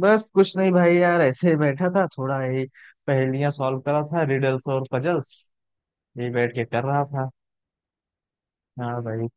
बस कुछ नहीं भाई यार ऐसे ही बैठा था थोड़ा यही पहेलियां सॉल्व कर रहा था रिडल्स और पजल्स, यही बैठ के कर रहा था। हाँ भाई।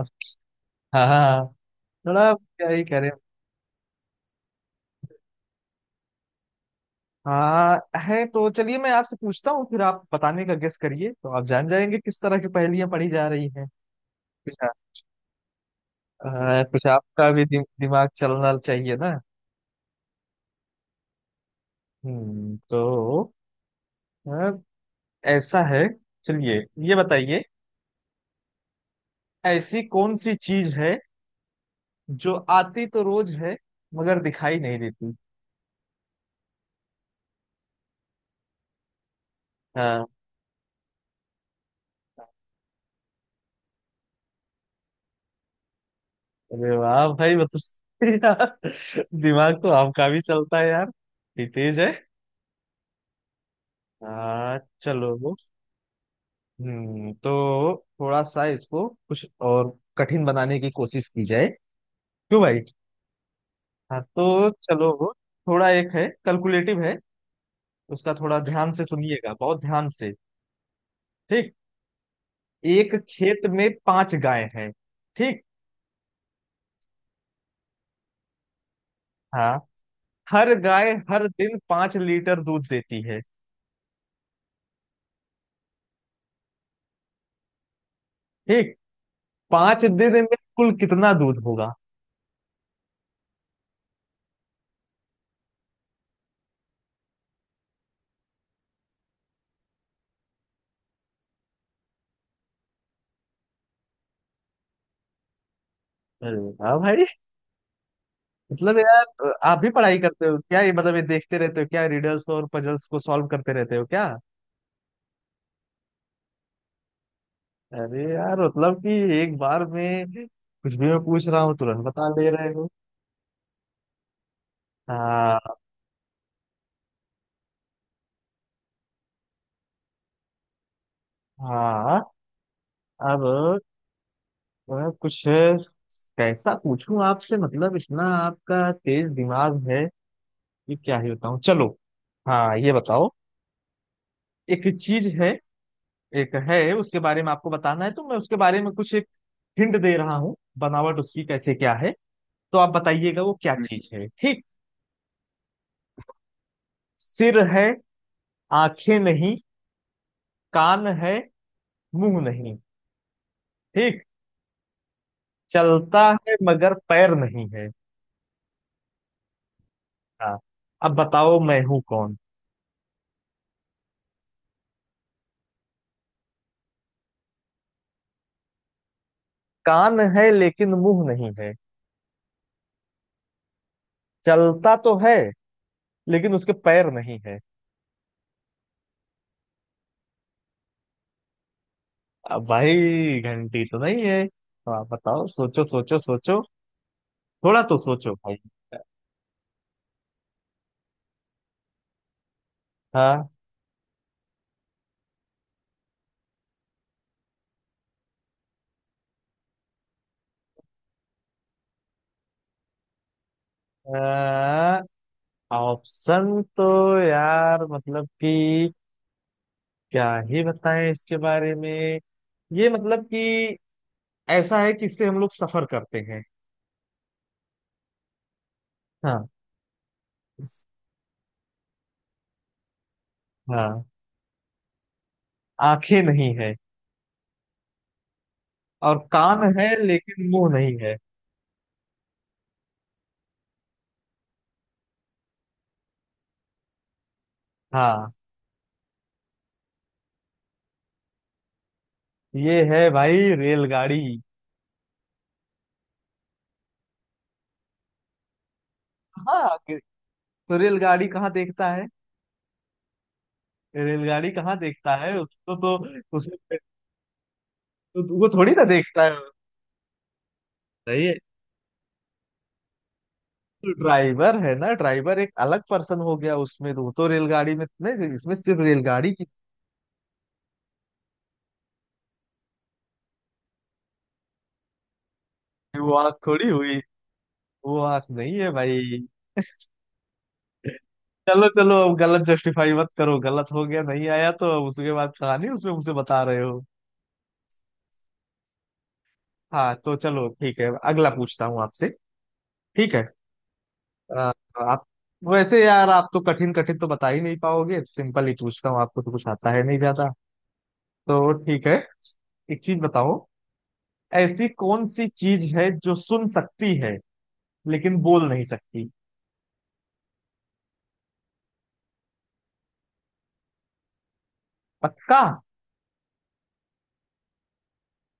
अब, हाँ, हाँ, हाँ। थोड़ा अब क्या ही करें। हाँ। है तो चलिए मैं आपसे पूछता हूँ, फिर आप बताने का गेस करिए तो आप जान जाएंगे किस तरह की पहेलियां पढ़ी जा रही हैं। कुछ आ, आ, कुछ आपका भी दिमाग चलना चाहिए ना। तो आ, ऐसा है, चलिए ये बताइए, ऐसी कौन सी चीज है जो आती तो रोज है मगर दिखाई नहीं देती? हाँ। अरे वाह भाई, मतलब यार, दिमाग तो आपका भी चलता है यार। ये तेज है। हाँ चलो। तो थोड़ा सा इसको कुछ और कठिन बनाने की कोशिश की जाए, क्यों भाई? हाँ तो चलो। थोड़ा, एक है कैलकुलेटिव है, उसका थोड़ा ध्यान से सुनिएगा, बहुत ध्यान से। ठीक? एक खेत में पांच गाय हैं। ठीक। हाँ हर गाय हर दिन 5 लीटर दूध देती है। ठीक। 5 दिन में कुल कितना दूध होगा? अरे वाह भाई, मतलब यार आप भी पढ़ाई करते हो क्या? ये मतलब ये देखते रहते हो क्या, रिडल्स और पजल्स को सॉल्व करते रहते हो क्या? अरे यार मतलब कि एक बार में कुछ भी मैं पूछ रहा हूँ तुरंत बता ले रहे हो। हाँ। हाँ, अब मैं कुछ कैसा पूछूं आपसे, मतलब इतना आपका तेज दिमाग है कि क्या ही बताऊं। चलो, हाँ, ये बताओ। एक चीज है, एक है, उसके बारे में आपको बताना है तो मैं उसके बारे में कुछ एक हिंट दे रहा हूँ, बनावट उसकी कैसे क्या है, तो आप बताइएगा वो क्या चीज है। ठीक? सिर है, आंखें नहीं। कान है, मुंह नहीं। ठीक। चलता है मगर पैर नहीं है। हाँ, अब बताओ मैं हूँ कौन? कान है लेकिन मुंह नहीं है। चलता तो है लेकिन उसके पैर नहीं है। अब भाई, घंटी तो नहीं है, तो आप बताओ, सोचो सोचो सोचो, थोड़ा तो सोचो भाई। हाँ। ऑप्शन, तो यार मतलब कि क्या ही बताएं इसके बारे में। ये मतलब कि ऐसा है कि इससे हम लोग सफर करते हैं। हाँ। इस- हाँ, आंखें नहीं है, और कान है लेकिन मुंह नहीं है। हाँ, ये है भाई रेलगाड़ी। हाँ। तो रेलगाड़ी कहाँ देखता है, रेलगाड़ी कहाँ देखता है उसको तो? उसको तो वो थोड़ी ना देखता है। सही है। ड्राइवर है ना, ड्राइवर एक अलग पर्सन हो गया उसमें, वो तो रेलगाड़ी में नहीं, इसमें सिर्फ रेलगाड़ी की। वो आंख थोड़ी हुई, वो आंख नहीं है भाई। चलो चलो, अब गलत जस्टिफाई मत करो, गलत हो गया, नहीं आया तो अब उसके बाद कहानी उसमें मुझे बता रहे हो। हाँ तो चलो, ठीक है, अगला पूछता हूँ आपसे। ठीक है। अ, आप, वैसे यार आप तो कठिन कठिन तो बता ही नहीं पाओगे, सिंपल ही पूछता हूँ आपको, तो कुछ आता है नहीं ज्यादा, तो ठीक है। एक चीज बताओ। ऐसी कौन सी चीज है जो सुन सकती है लेकिन बोल नहीं सकती? पक्का?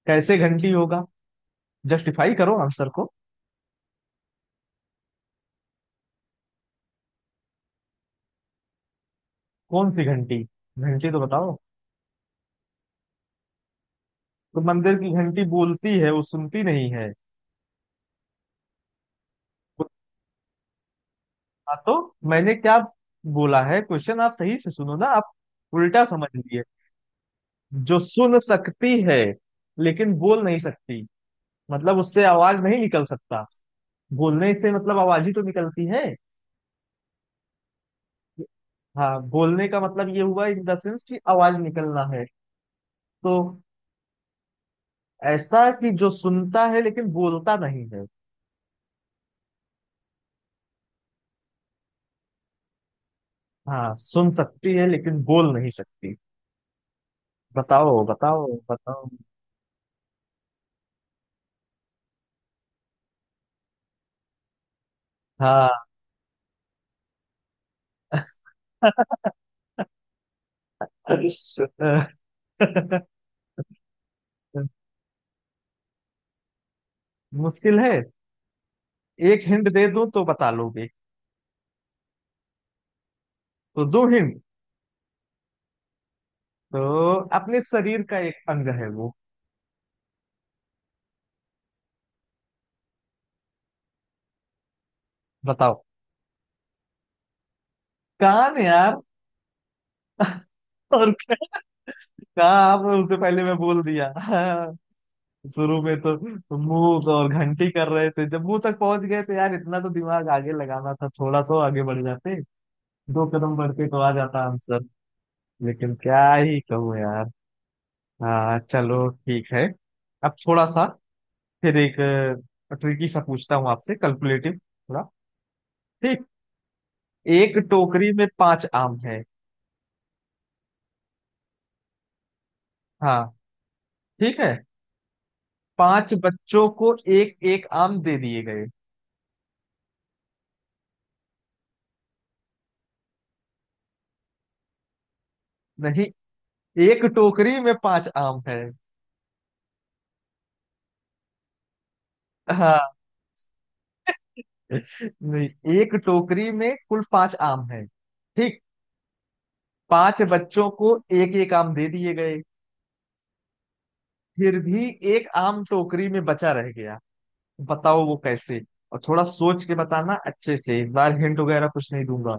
कैसे घंटी होगा, जस्टिफाई करो आंसर को। कौन सी घंटी, घंटी तो बताओ। तो मंदिर की घंटी बोलती है, वो सुनती नहीं है। हाँ, तो मैंने क्या बोला है, क्वेश्चन आप सही से सुनो ना, आप उल्टा समझ लिए। जो सुन सकती है लेकिन बोल नहीं सकती, मतलब उससे आवाज नहीं निकल सकता, बोलने से मतलब आवाज ही तो निकलती है। हाँ, बोलने का मतलब ये हुआ इन द सेंस कि आवाज निकलना है। तो ऐसा कि जो सुनता है लेकिन बोलता नहीं है। हाँ, सुन सकती है लेकिन बोल नहीं सकती। बताओ बताओ बताओ। हाँ। मुश्किल है। एक हिंट दे दूं तो बता लोगे? तो दो हिंट। तो अपने शरीर का एक अंग है वो, बताओ। कान यार। और क्या, काम उससे पहले मैं बोल दिया। हाँ, शुरू में तो मुंह तो और घंटी कर रहे थे, जब मुंह तक पहुंच गए तो यार इतना तो दिमाग आगे लगाना था, थोड़ा तो आगे बढ़ जाते। दो कदम बढ़ के तो आ जाता आंसर। लेकिन क्या ही कहूँ यार। हाँ चलो ठीक है। अब थोड़ा सा फिर एक ट्रिकी सा पूछता हूँ आपसे, कैलकुलेटिव थोड़ा। ठीक। एक टोकरी में पांच आम है। हाँ, ठीक है। पांच बच्चों को एक एक आम दे दिए गए। नहीं, एक टोकरी में पांच आम है। हाँ, नहीं, एक टोकरी में कुल पांच आम है। ठीक? पांच बच्चों को एक एक आम दे दिए गए, फिर भी एक आम टोकरी में बचा रह गया। बताओ वो कैसे, और थोड़ा सोच के बताना अच्छे से, इस बार हिंट वगैरह कुछ नहीं दूंगा।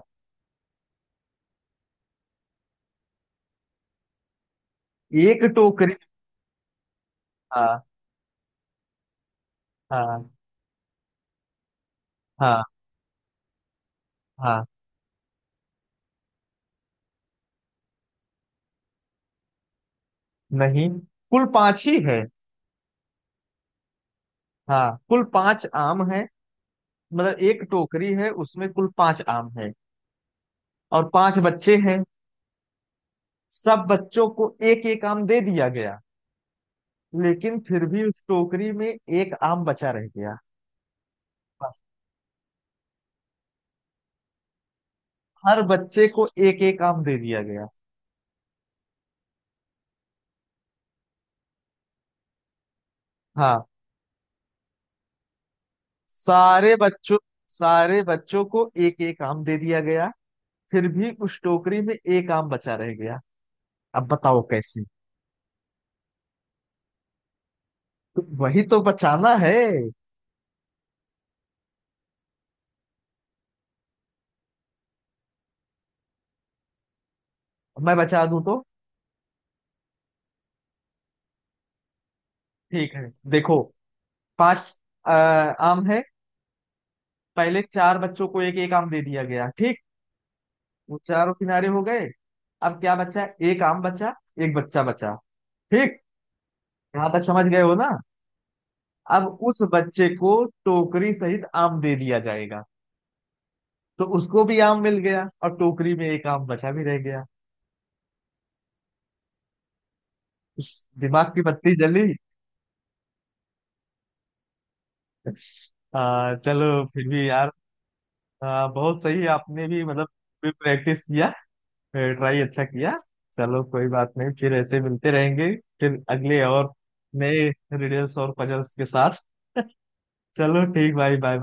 एक टोकरी। हाँ, हाँ, हाँ, हाँ। नहीं, कुल पांच ही है। हाँ, कुल पांच आम है। मतलब एक टोकरी है, उसमें कुल पांच आम है, और पांच बच्चे हैं। सब बच्चों को एक एक आम दे दिया गया, लेकिन फिर भी उस टोकरी में एक आम बचा रह गया। बस, हर बच्चे को एक एक आम दे दिया गया। हाँ, सारे बच्चों सारे बच्चों को एक एक आम दे दिया गया, फिर भी उस टोकरी में एक आम बचा रह गया। अब बताओ कैसे। तो वही तो बचाना है। मैं बचा दूं तो? ठीक है, देखो, पांच आम है। पहले चार बच्चों को एक एक आम दे दिया गया। ठीक? वो चारों किनारे हो गए, अब क्या बचा? एक आम बचा, एक बच्चा बचा। ठीक? यहाँ तक समझ गए हो ना? अब उस बच्चे को टोकरी सहित आम दे दिया जाएगा, तो उसको भी आम मिल गया और टोकरी में एक आम बचा भी रह गया। उस दिमाग की बत्ती जली? चलो, फिर भी यार, बहुत सही, आपने भी मतलब भी प्रैक्टिस किया, ट्राई अच्छा किया। चलो कोई बात नहीं, फिर ऐसे मिलते रहेंगे, फिर अगले और नए रिडल्स और पजल्स के साथ। चलो ठीक भाई, बाय।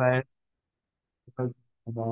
बाय।